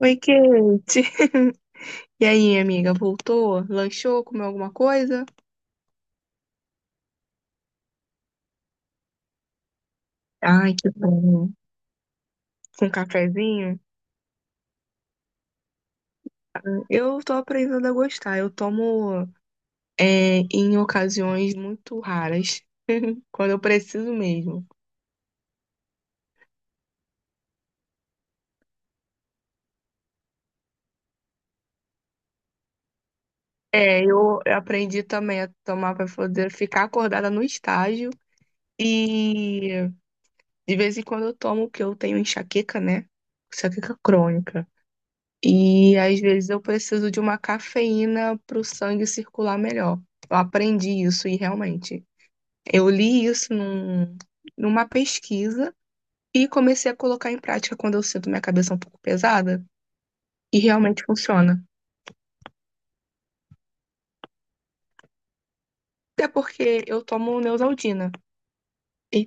Oi, Kate. E aí, amiga, voltou? Lanchou? Comeu alguma coisa? Ai, que bom. Com cafezinho? Eu tô aprendendo a gostar. Eu tomo é, em ocasiões muito raras, quando eu preciso mesmo. É, eu aprendi também a tomar para poder ficar acordada no estágio. E de vez em quando eu tomo, porque eu tenho enxaqueca, né? Enxaqueca crônica. E às vezes eu preciso de uma cafeína para o sangue circular melhor. Eu aprendi isso e realmente. Eu li isso numa pesquisa e comecei a colocar em prática quando eu sinto minha cabeça um pouco pesada e realmente funciona. Até porque eu tomo Neosaldina, e,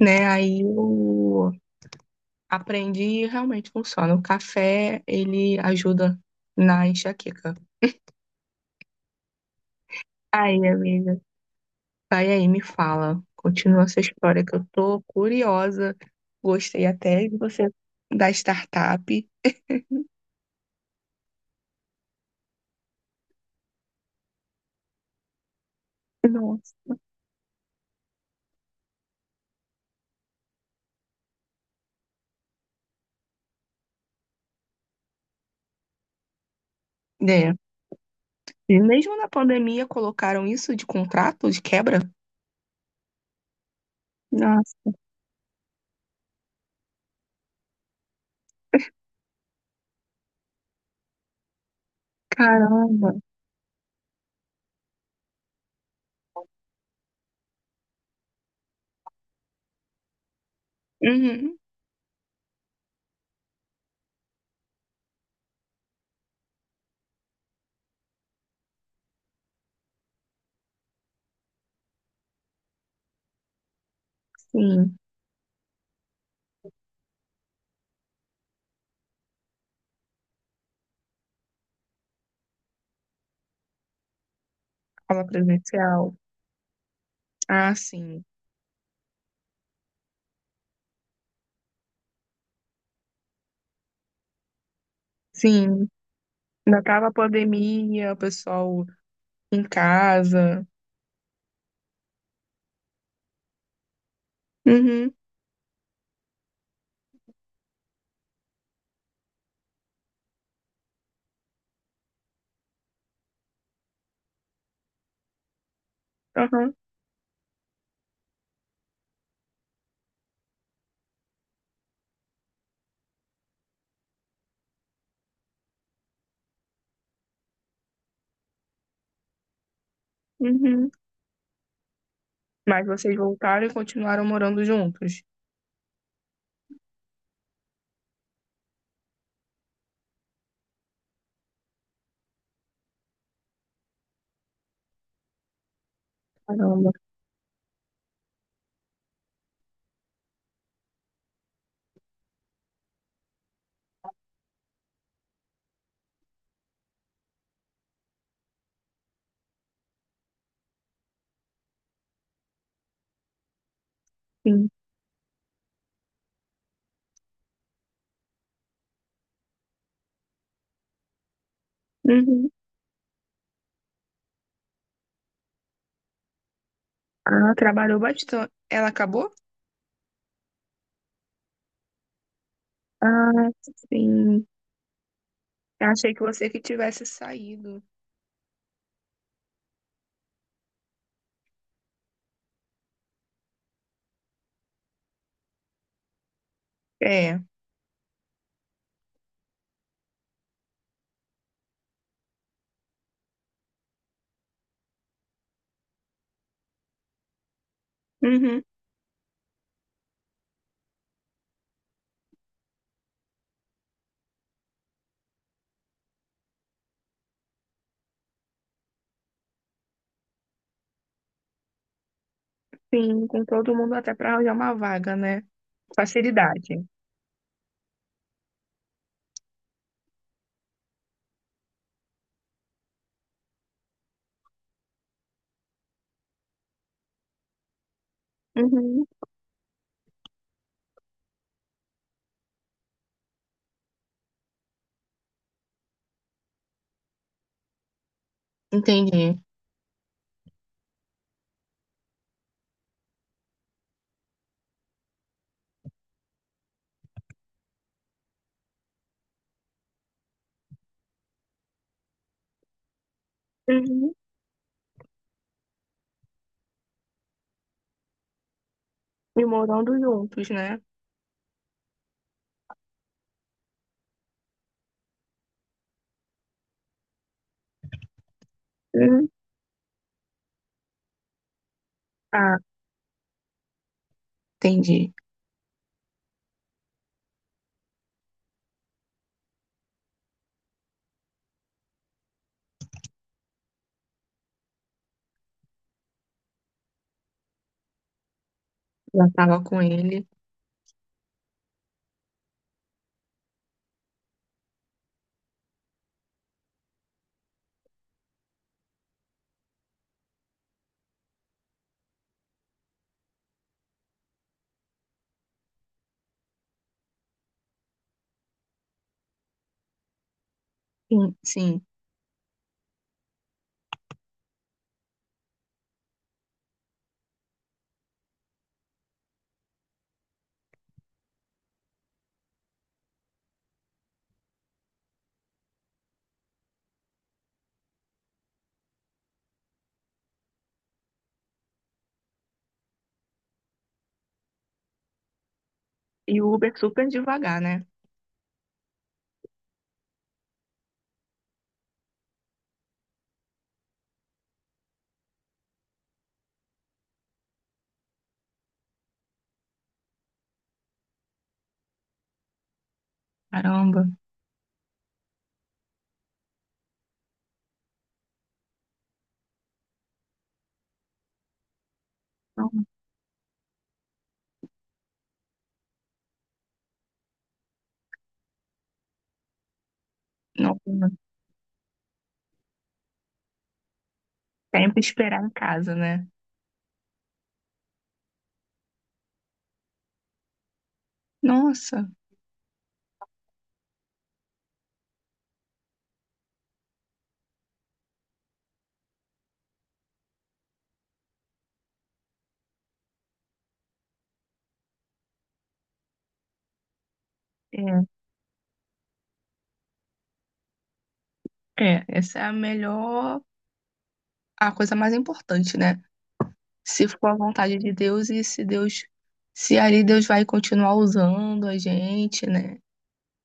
né? Aí eu aprendi e realmente funciona. O café, ele ajuda na enxaqueca. Aí, amiga. Vai aí, me fala. Continua essa história que eu tô curiosa. Gostei até de você da startup. Nossa. É. E mesmo na pandemia colocaram isso de contrato, de quebra? Nossa, caramba. Uhum, sim. Aula presencial. Ah, sim. Sim. Ainda tava a pandemia, o pessoal em casa. Uhum, aham, uhum. Mas vocês voltaram e continuaram morando juntos. Caramba, sim. Uhum. Ah, trabalhou bastante. Ela acabou? Ah, sim. Achei que você que tivesse saído. É. Uhum. Sim, com todo mundo até para arranjar uma vaga, né? Facilidade. Uhum. Entendi. Uhum. E morando juntos, né? Uhum. Ah, entendi. Já tava com ele. Sim, sim. E o Uber super devagar, né? Caramba. Não, não. Sempre esperar em casa, né? Nossa. É. É, essa é a melhor, a coisa mais importante, né? Se for a vontade de Deus e se Deus, se ali Deus vai continuar usando a gente, né?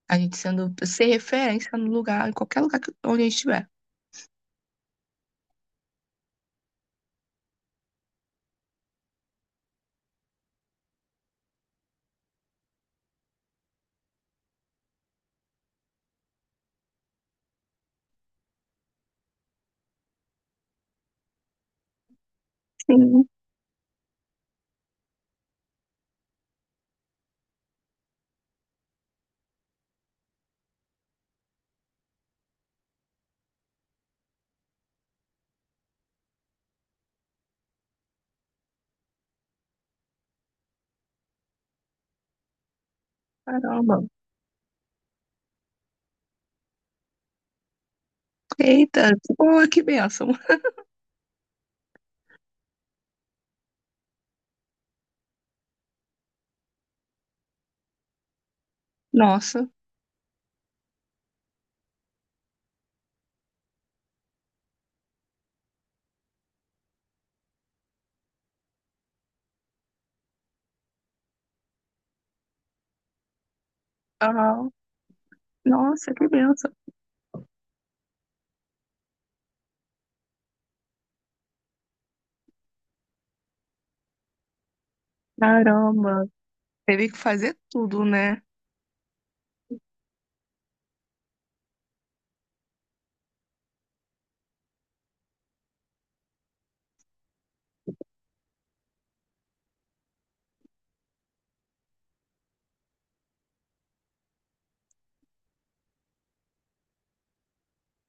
A gente sendo, ser referência no lugar, em qualquer lugar que, onde a gente estiver. Sim, caramba. Eita, pô, que bênção. Nossa, aham. Nossa, que bênção. Caramba. Teve que fazer tudo, né?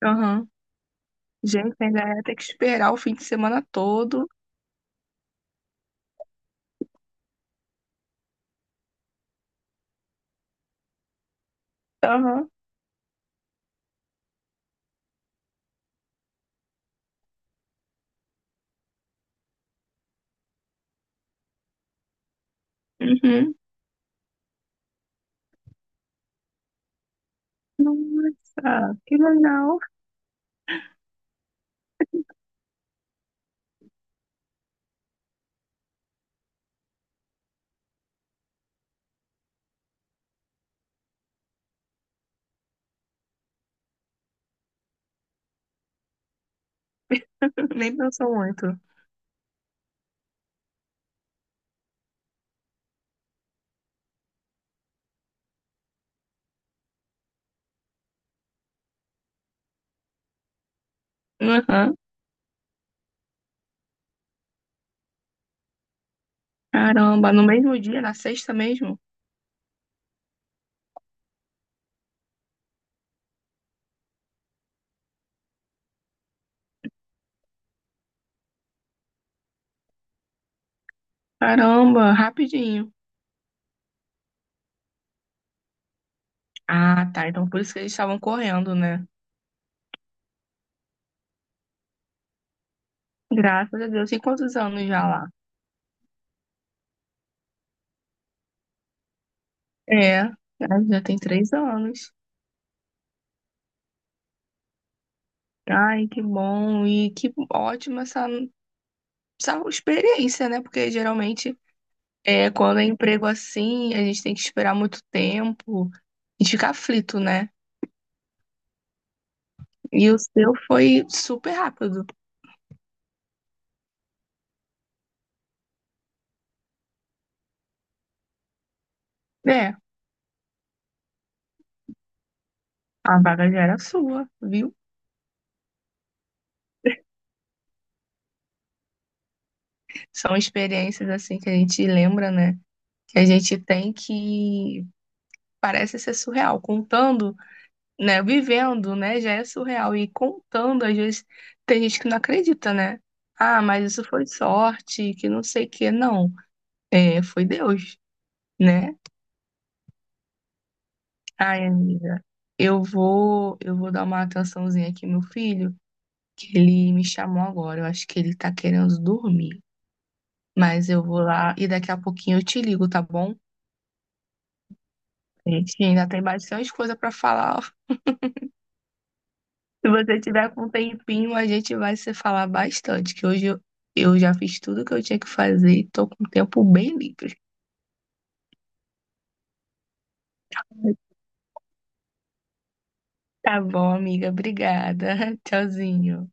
Aham. Gente, ainda ia ter que esperar o fim de semana todo. Aham. Uhum. Nossa, que legal. Nem pensou muito. Aham. Caramba, no mesmo dia, na sexta mesmo? Caramba, rapidinho. Ah, tá. Então por isso que eles estavam correndo, né? Graças a Deus. Tem quantos anos já lá? É, né, já tem 3 anos. Ai, que bom e que ótima essa, essa experiência, né? Porque geralmente é, quando é emprego assim, a gente tem que esperar muito tempo e fica aflito, né? E o seu foi super rápido. É, a vaga já era sua, viu? São experiências assim que a gente lembra, né? Que a gente tem que parece ser surreal. Contando, né? Vivendo, né? Já é surreal. E contando, às vezes, tem gente que não acredita, né? Ah, mas isso foi sorte, que não sei o quê. Não, é, foi Deus, né? Ai, amiga, eu vou dar uma atençãozinha aqui, meu filho, que ele me chamou agora. Eu acho que ele tá querendo dormir. Mas eu vou lá e daqui a pouquinho eu te ligo, tá bom? A gente ainda tem bastante coisa pra falar. Se você tiver com um tempinho, a gente vai se falar bastante, que hoje eu já fiz tudo que eu tinha que fazer e tô com o tempo bem livre. Tá bom, amiga. Obrigada. Tchauzinho.